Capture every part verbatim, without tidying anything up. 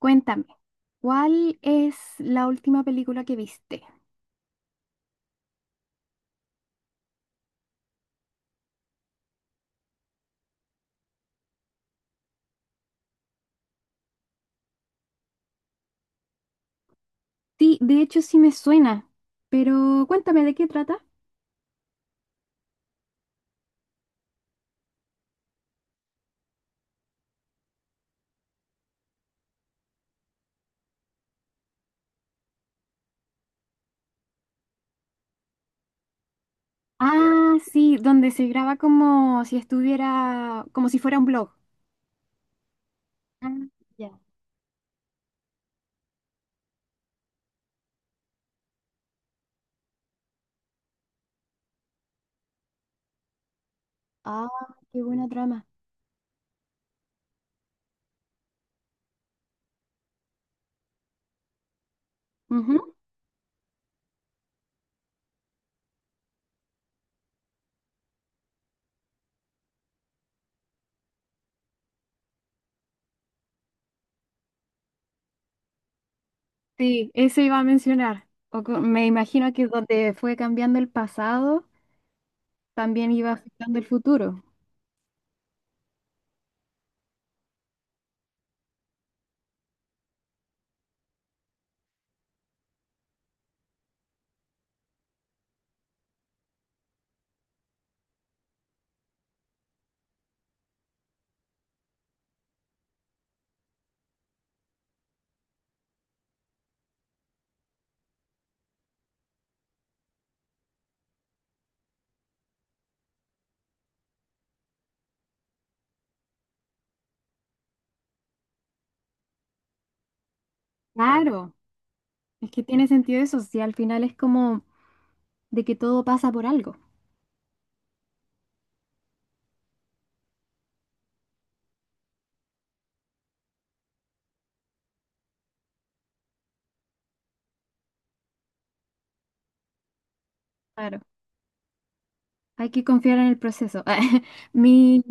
Cuéntame, ¿cuál es la última película que viste? Sí, de hecho sí me suena, pero cuéntame de qué trata. Ah, sí, donde se graba como si estuviera, como si fuera un blog. Ah, ya. Ah, qué buena trama. Ujú. Sí, eso iba a mencionar. O co- me imagino que donde fue cambiando el pasado, también iba afectando el futuro. Claro, es que tiene sentido eso, si al final es como de que todo pasa por algo. Claro. Hay que confiar en el proceso. Mi,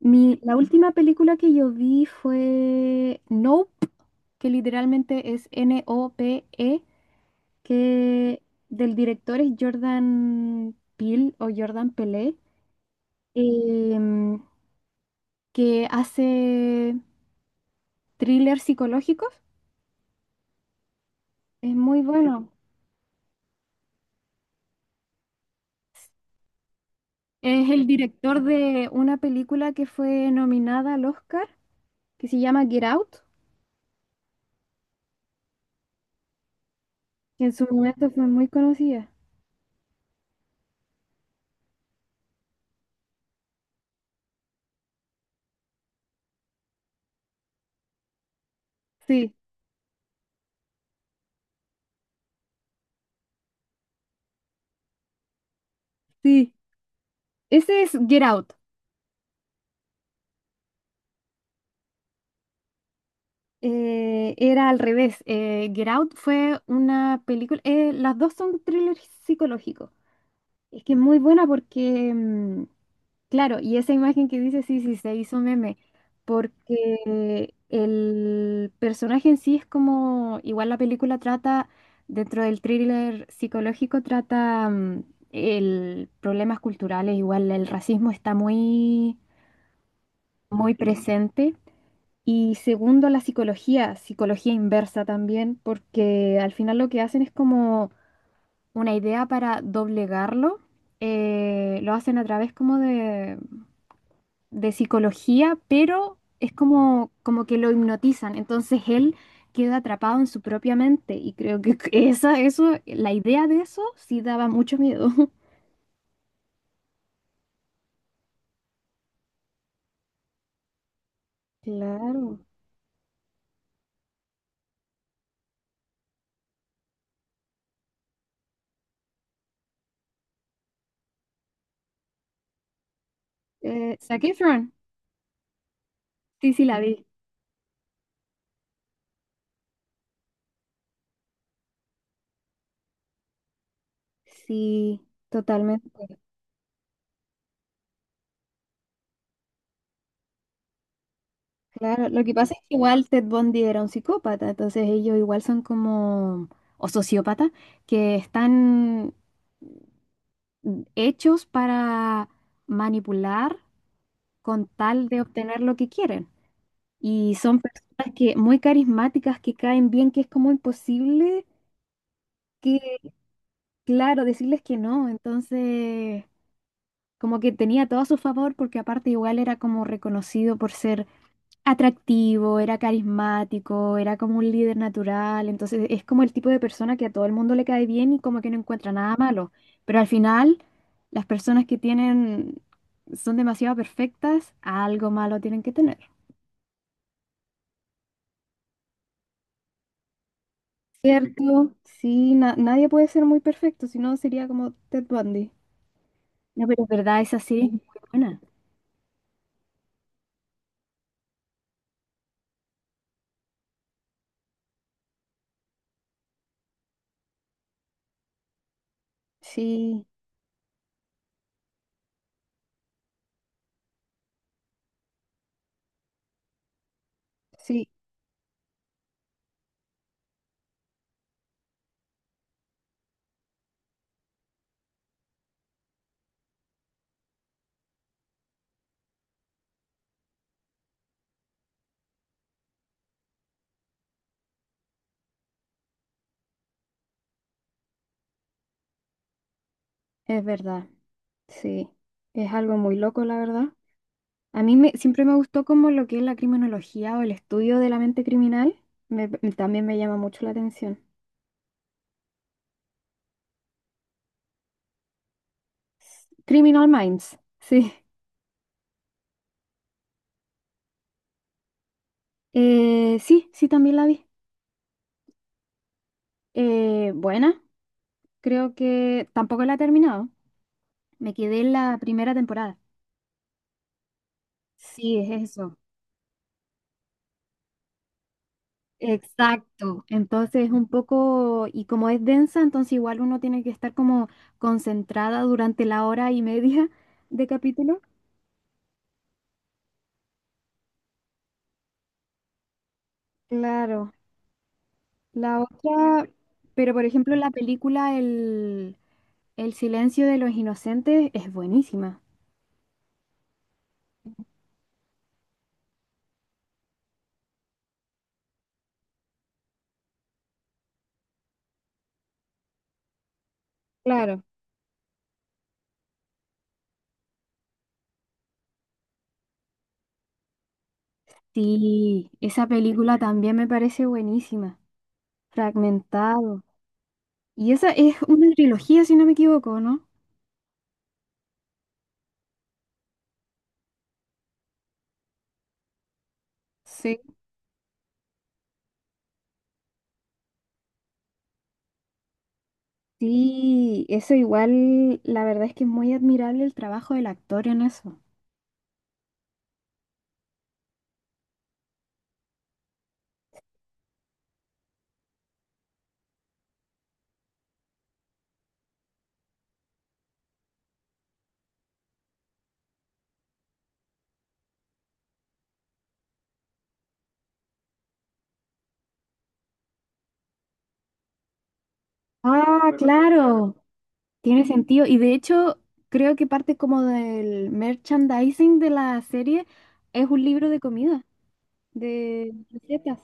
mi, la última película que yo vi fue Nope, que literalmente es N-O-P-E, que del director es Jordan Peele o Jordan Pelé, em, que hace thrillers psicológicos. Es muy bueno. Es el director de una película que fue nominada al Oscar, que se llama Get Out, que en su momento fue muy conocida. Sí, sí. Ese es Get Out. Eh, era al revés. Eh, Get Out fue una película. eh, las dos son thrillers psicológicos. Es que es muy buena porque, mm, claro, y esa imagen que dice, sí, sí, se hizo meme. Porque el personaje en sí es como. Igual la película trata, dentro del thriller psicológico, trata mm, el problemas culturales. Igual el racismo está muy, muy presente. Y segundo, la psicología, psicología inversa también, porque al final lo que hacen es como una idea para doblegarlo. eh, lo hacen a través como de, de psicología, pero es como, como que lo hipnotizan. Entonces él queda atrapado en su propia mente. Y creo que esa, eso, la idea de eso sí daba mucho miedo. Claro. Eh, Zac Efron. Sí, sí, la vi. Sí, totalmente. Claro, lo que pasa es que igual Ted Bundy era un psicópata, entonces ellos igual son como, o sociópatas, que están hechos para manipular con tal de obtener lo que quieren. Y son personas que muy carismáticas, que caen bien, que es como imposible que, claro, decirles que no. Entonces, como que tenía todo a su favor, porque aparte igual era como reconocido por ser atractivo, era carismático, era como un líder natural, entonces es como el tipo de persona que a todo el mundo le cae bien y como que no encuentra nada malo, pero al final las personas que tienen son demasiado perfectas, algo malo tienen que tener. Cierto, sí, na- nadie puede ser muy perfecto, si no sería como Ted Bundy. No, pero es verdad, esa serie es muy buena. Sí, sí, es verdad, sí. Es algo muy loco, la verdad. A mí me, siempre me gustó como lo que es la criminología o el estudio de la mente criminal. Me- también me llama mucho la atención. Criminal Minds, sí. Eh, sí, sí, también la vi. Eh, buena, creo que tampoco la he terminado. Me quedé en la primera temporada. Sí, es eso. Exacto. Entonces es un poco, y como es densa, entonces igual uno tiene que estar como concentrada durante la hora y media de capítulo. Claro. La otra, pero por ejemplo la película El, El silencio de los inocentes es buenísima. Claro. Sí, esa película también me parece buenísima. Fragmentado. Y esa es una trilogía, si no me equivoco, ¿no? Sí, sí, eso igual, la verdad es que es muy admirable el trabajo del actor en eso. Ah, claro, tiene sentido. Y de hecho, creo que parte como del merchandising de la serie es un libro de comida. De recetas.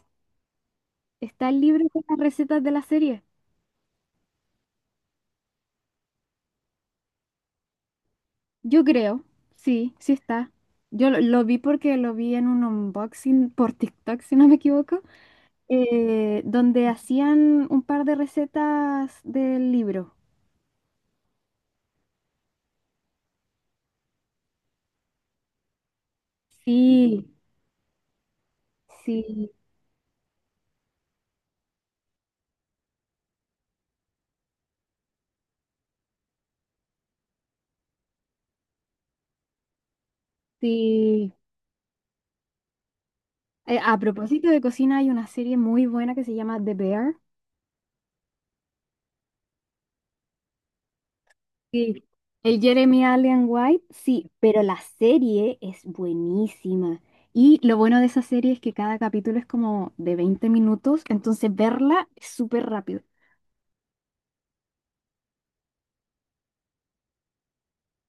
¿Está el libro con las recetas de la serie? Yo creo, sí, sí está. Yo lo, lo vi porque lo vi en un unboxing por TikTok, si no me equivoco, eh, donde hacían un par de recetas del libro. Sí, sí, sí. Eh, a propósito de cocina, hay una serie muy buena que se llama The Bear. Sí, el Jeremy Allen White, sí, pero la serie es buenísima. Y lo bueno de esa serie es que cada capítulo es como de veinte minutos, entonces verla es súper rápido.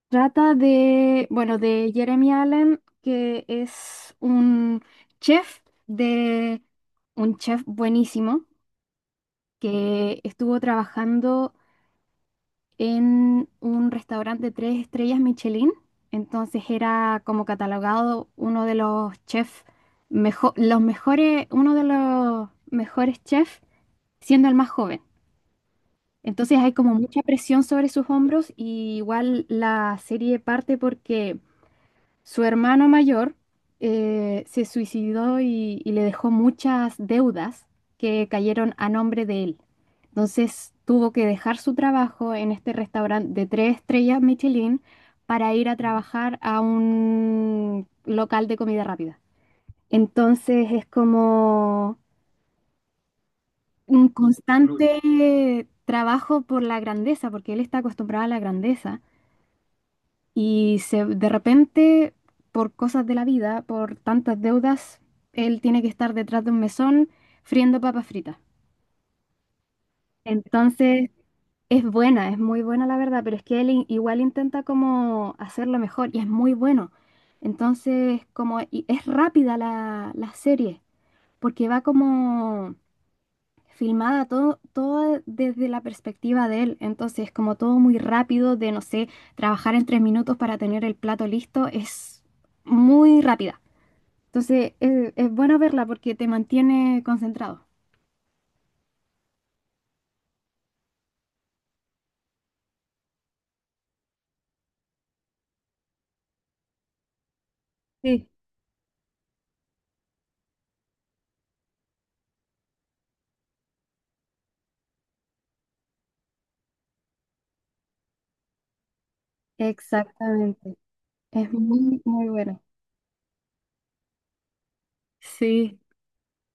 Trata de, bueno, de Jeremy Allen, que es un chef de un chef buenísimo que estuvo trabajando en un restaurante de tres estrellas Michelin. Entonces era como catalogado uno de los chefs mejo- los mejores, uno de los mejores chefs siendo el más joven. Entonces hay como mucha presión sobre sus hombros y igual la serie parte porque su hermano mayor eh, se suicidó y, y le dejó muchas deudas que cayeron a nombre de él. Entonces tuvo que dejar su trabajo en este restaurante de tres estrellas Michelin para ir a trabajar a un local de comida rápida. Entonces es como un constante trabajo por la grandeza, porque él está acostumbrado a la grandeza. Y se, de repente, por cosas de la vida, por tantas deudas, él tiene que estar detrás de un mesón friendo papas fritas. Entonces, es buena, es muy buena la verdad, pero es que él i- igual intenta como hacerlo mejor y es muy bueno. Entonces, como y es rápida la, la serie, porque va como filmada todo, todo desde la perspectiva de él. Entonces, como todo muy rápido, de no sé, trabajar en tres minutos para tener el plato listo, es muy rápida. Entonces, es, es bueno verla porque te mantiene concentrado. Sí. Exactamente. Es muy, muy bueno. Sí.